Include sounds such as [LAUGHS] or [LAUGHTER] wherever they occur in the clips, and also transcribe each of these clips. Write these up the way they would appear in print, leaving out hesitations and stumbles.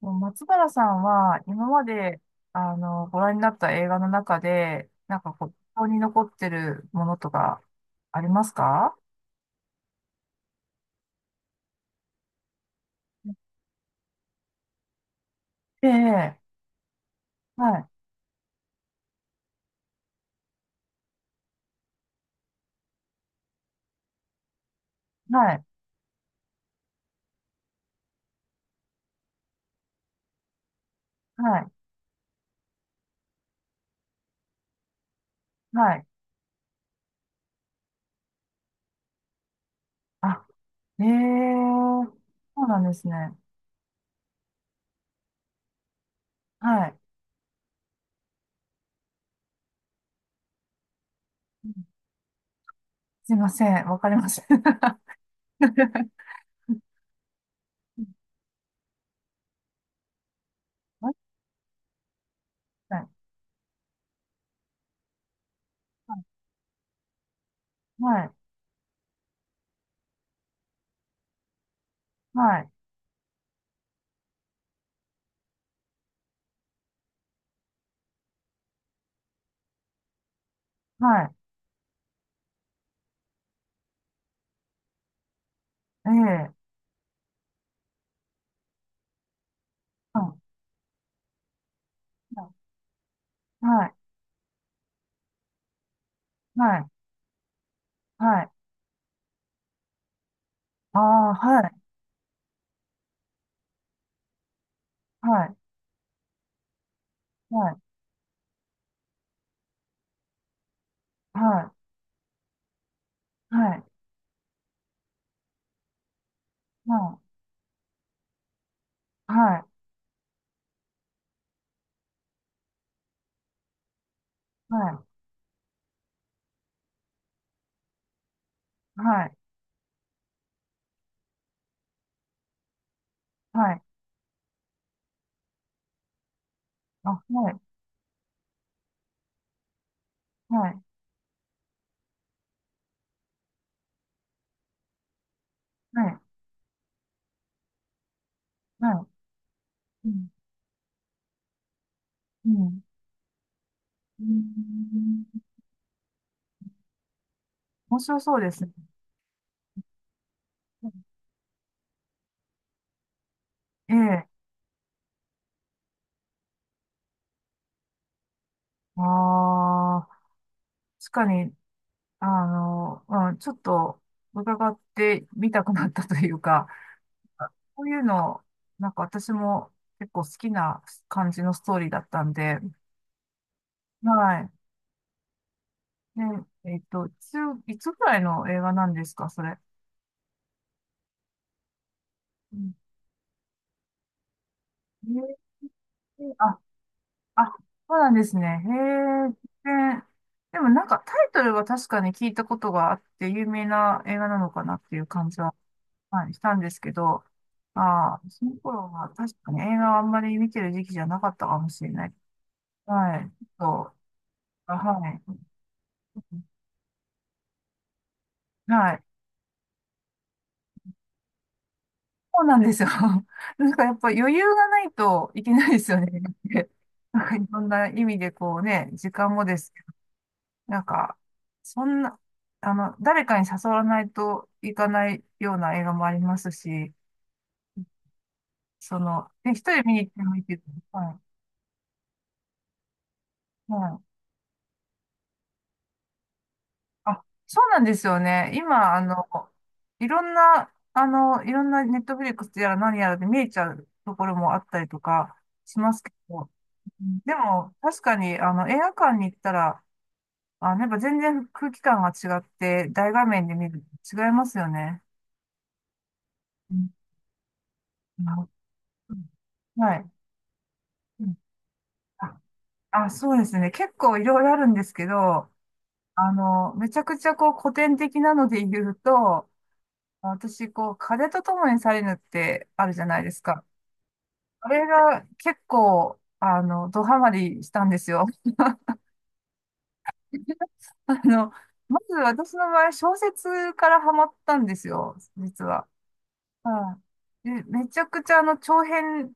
もう松原さんは今まで、あのご覧になった映画の中で、なんかこう、印象に残ってるものとかありますか？ええ、はい、はい、はい、はい。あ、ええ、そうなんですね。はい。うん。すいません、わかりません。[LAUGHS] はい、はい、はい、はい、はい、ええ、はい、はい、はい、はい、ああ、はい、はい、はい、はい、はい、はい、はい、はい、はい、はい、あ、はい、はい、はい、はい、うん、うん、うん。面白そうですね。ええ、ああ、確かに、あの、うん、ちょっと伺ってみたくなったというか、こういうの、なんか私も結構好きな感じのストーリーだったんで、はい。で、いつ、いつぐらいの映画なんですか、それ。うん。えああ、そうなんですね。へえ、で、でもなんかタイトルは確かに聞いたことがあって有名な映画なのかなっていう感じは、はい、したんですけど、ああ、その頃は確かに映画はあんまり見てる時期じゃなかったかもしれない。はい。そう。あ、はい。はい。そうなんですよ。[LAUGHS] なんかやっぱ余裕がないといけないですよね。[LAUGHS] なんかいろんな意味でこうね、時間もです、なんか、そんな、あの、誰かに誘わないといかないような映画もありますし、その、ね、一人見に行ってもいいけど、はい、はい。あ、そうなんですよね。今、あの、いろんな、あの、いろんなネットフリックスやら何やらで見えちゃうところもあったりとかしますけど、うん、でも、確かに、あの、映画館に行ったら、あ、やっぱ全然空気感が違って、大画面で見ると違いますよね。うん、はい。うん。はい。あ、あ、そうですね。結構いろいろあるんですけど、あの、めちゃくちゃこう古典的なので言うと、私、こう、風と共に去れぬってあるじゃないですか。あれが結構、あの、ドハマりしたんですよ。[LAUGHS] あの、まず私の場合、小説からハマったんですよ、実は。はい。で、めちゃくちゃあの、長編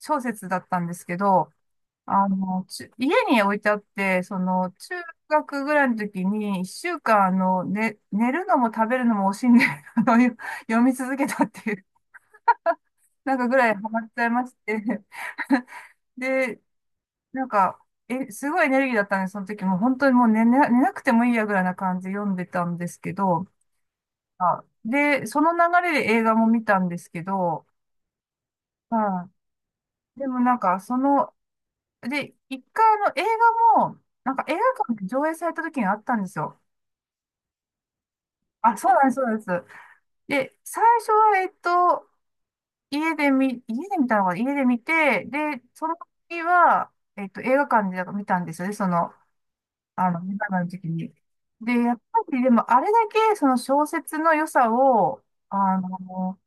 小説だったんですけど、あの、ち、家に置いてあって、その、中学ぐらいの時に、一週間、あの、ね、寝るのも食べるのも惜しんで、あの、よ、 [LAUGHS] 読み続けたっていう、なんかぐらいハマっちゃいまして。[LAUGHS] で、なんか、え、すごいエネルギーだったんで、その時もう本当にもうね、寝なくてもいいやぐらいな感じで読んでたんですけど、あ、で、その流れで映画も見たんですけど、う、でもなんか、その、で、一回あの映画も、なんか映画館で上映された時があったんですよ。あ、そうなんです、そうなんです。で、最初は、家で見たのかな、家で見て、で、その時は、映画館で見たんですよね、その、あの、見たの時に。で、やっぱり、でも、あれだけ、その小説の良さを、あの、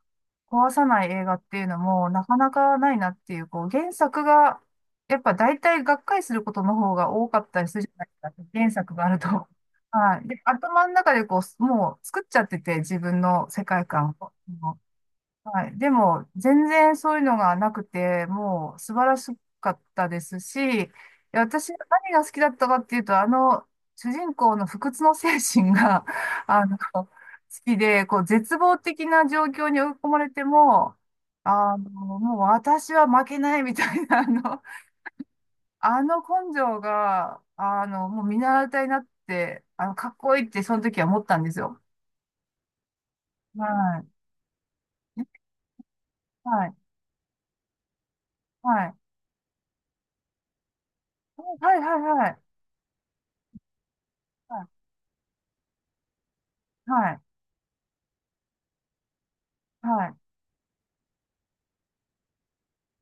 壊さない映画っていうのもなかなかないなっていう、こう、原作が、やっぱ大体がっかりすることの方が多かったりするじゃないですか。原作があると。[LAUGHS] はい。で、頭の中でこう、もう作っちゃってて、自分の世界観を。はい。でも、全然そういうのがなくて、もう素晴らしかったですし、私、何が好きだったかっていうと、あの、主人公の不屈の精神が、[LAUGHS] あの、好きで、こう、絶望的な状況に追い込まれても、あの、もう私は負けないみたいな、あの、あの根性が、あの、もう見習いたいなって、あの、かっこいいってその時は思ったんですよ。はい。はい。はい。はい。はい。はい。はい。はい。はい、はい。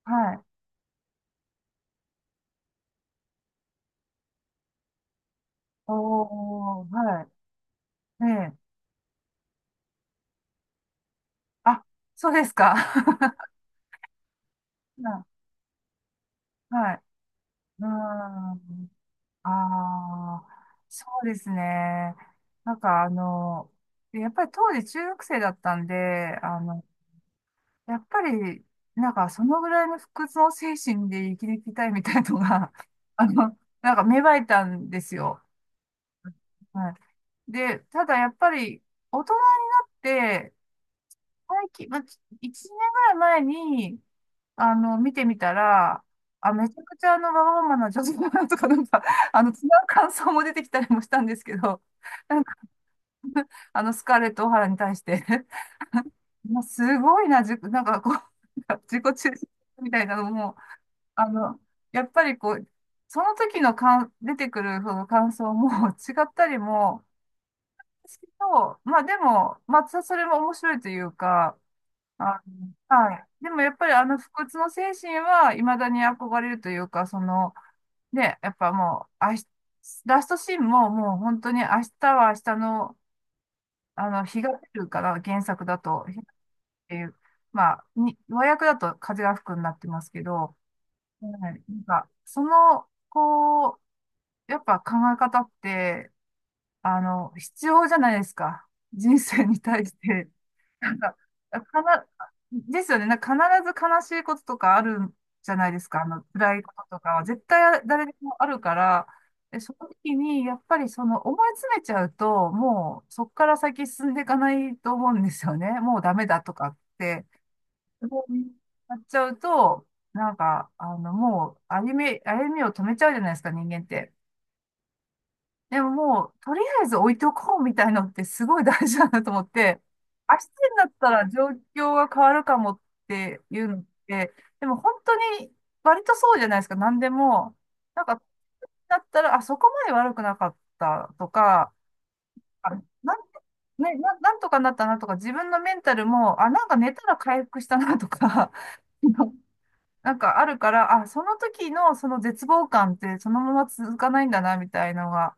はい。おー、はい。ええ。あ、そうですか。[LAUGHS] はい。はい。うーん。ああ、そうですね。なんかあの、やっぱり当時中学生だったんで、あの、やっぱり、なんかそのぐらいの不屈の精神で生きていきたいみたいなのが、[LAUGHS] あの、なんか芽生えたんですよ。はい。で、ただやっぱり大人になって、最近、まあ、1年ぐらい前に、あの、見てみたら、あ、めちゃくちゃあの、わがままな女性だなとか、なんか、[LAUGHS] あの、違う感想も出てきたりもしたんですけど、[LAUGHS] なんか、あの、スカーレット・オハラに対して [LAUGHS] まあ、すごいな、なんかこう、[LAUGHS] なんか自己中心みたいなのも、あの、やっぱりこう、その時の感出てくるその感想も [LAUGHS] 違ったりも、ですけど、まあでも、まあ、それも面白いというか、あの、はい。でもやっぱりあの不屈の精神は未だに憧れるというか、その、で、やっぱもう、ラストシーンももう本当に明日は明日の、あの、日が出るから、原作だと、日っていう、まあ、に、和訳だと風が吹くになってますけど、うん、なんか、その、こう、やっぱ考え方って、あの、必要じゃないですか。人生に対して。なんか、かな、ですよね。なんか必ず悲しいこととかあるじゃないですか。あの、辛いこととかは絶対誰でもあるから、で、その時に、やっぱりその思い詰めちゃうと、もうそこから先進んでいかないと思うんですよね。もうダメだとかって、もうなっちゃうと、なんか、あの、もう歩みを止めちゃうじゃないですか、人間って。でももう、とりあえず置いておこうみたいのってすごい大事だなと思って、明日になったら状況が変わるかもっていうのって、でも本当に割とそうじゃないですか、何でも。なんか、だったら、あ、そこまで悪くなかったとか、あ、なんとかなったなとか、自分のメンタルも、あ、なんか寝たら回復したなとか、[LAUGHS] なんかあるから、あ、その時のその絶望感ってそのまま続かないんだな、みたいのが。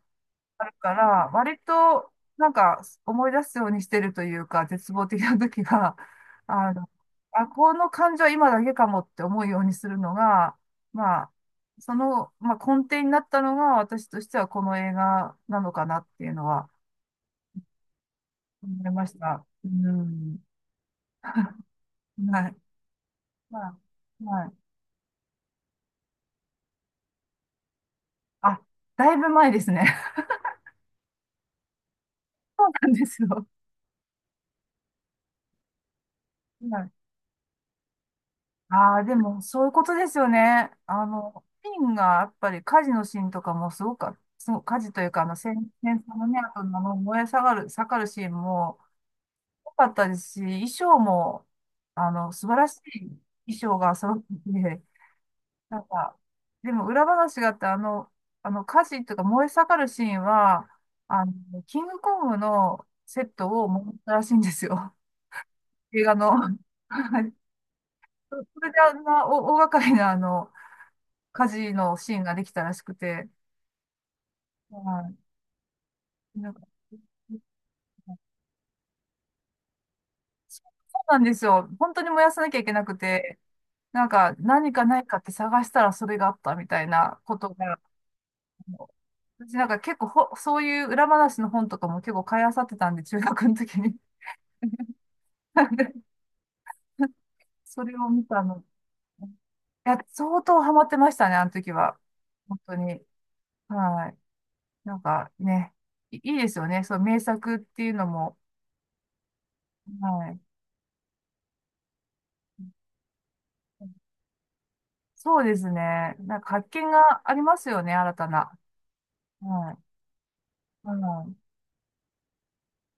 あるから、割となんか思い出すようにしてるというか、絶望的な時が、[LAUGHS] あの、あ、この感情は今だけかもって思うようにするのが、まあ、その、まあ、根底になったのが私としてはこの映画なのかなっていうのは思いました。うん。[LAUGHS] はい。はい。はい。あ、だいぶ前ですね。[LAUGHS] そうなんですよ。はい。ああ、でも、そういうことですよね。あの、ピンが、やっぱり火事のシーンとかもすごく、すごく火事というか、あの、戦争のね、あとのあの燃え下がる、下がるシーンも良かったですし、衣装も、あの、素晴らしい衣装が揃ってて、なんか、でも裏話があって、あの、あの、火事とか燃え下がるシーンは、あの、キングコングのセットを持ったらしいんですよ。映画の。[LAUGHS] はい。それであんな大掛かりな、あの、火事のシーンができたらしくて、はい。なんか、そうなんですよ。本当に燃やさなきゃいけなくて、なんか何かないかって探したらそれがあったみたいなことが、私なんか結構そういう裏話の本とかも結構買い漁ってたんで、中学の時に。[LAUGHS] なんでそれを見たの。いや、相当ハマってましたね、あの時は。本当に。はい。なんかね、いですよね。そう、名作っていうのも。はい。そうですね。なんか発見がありますよね、新たな。はい。うん。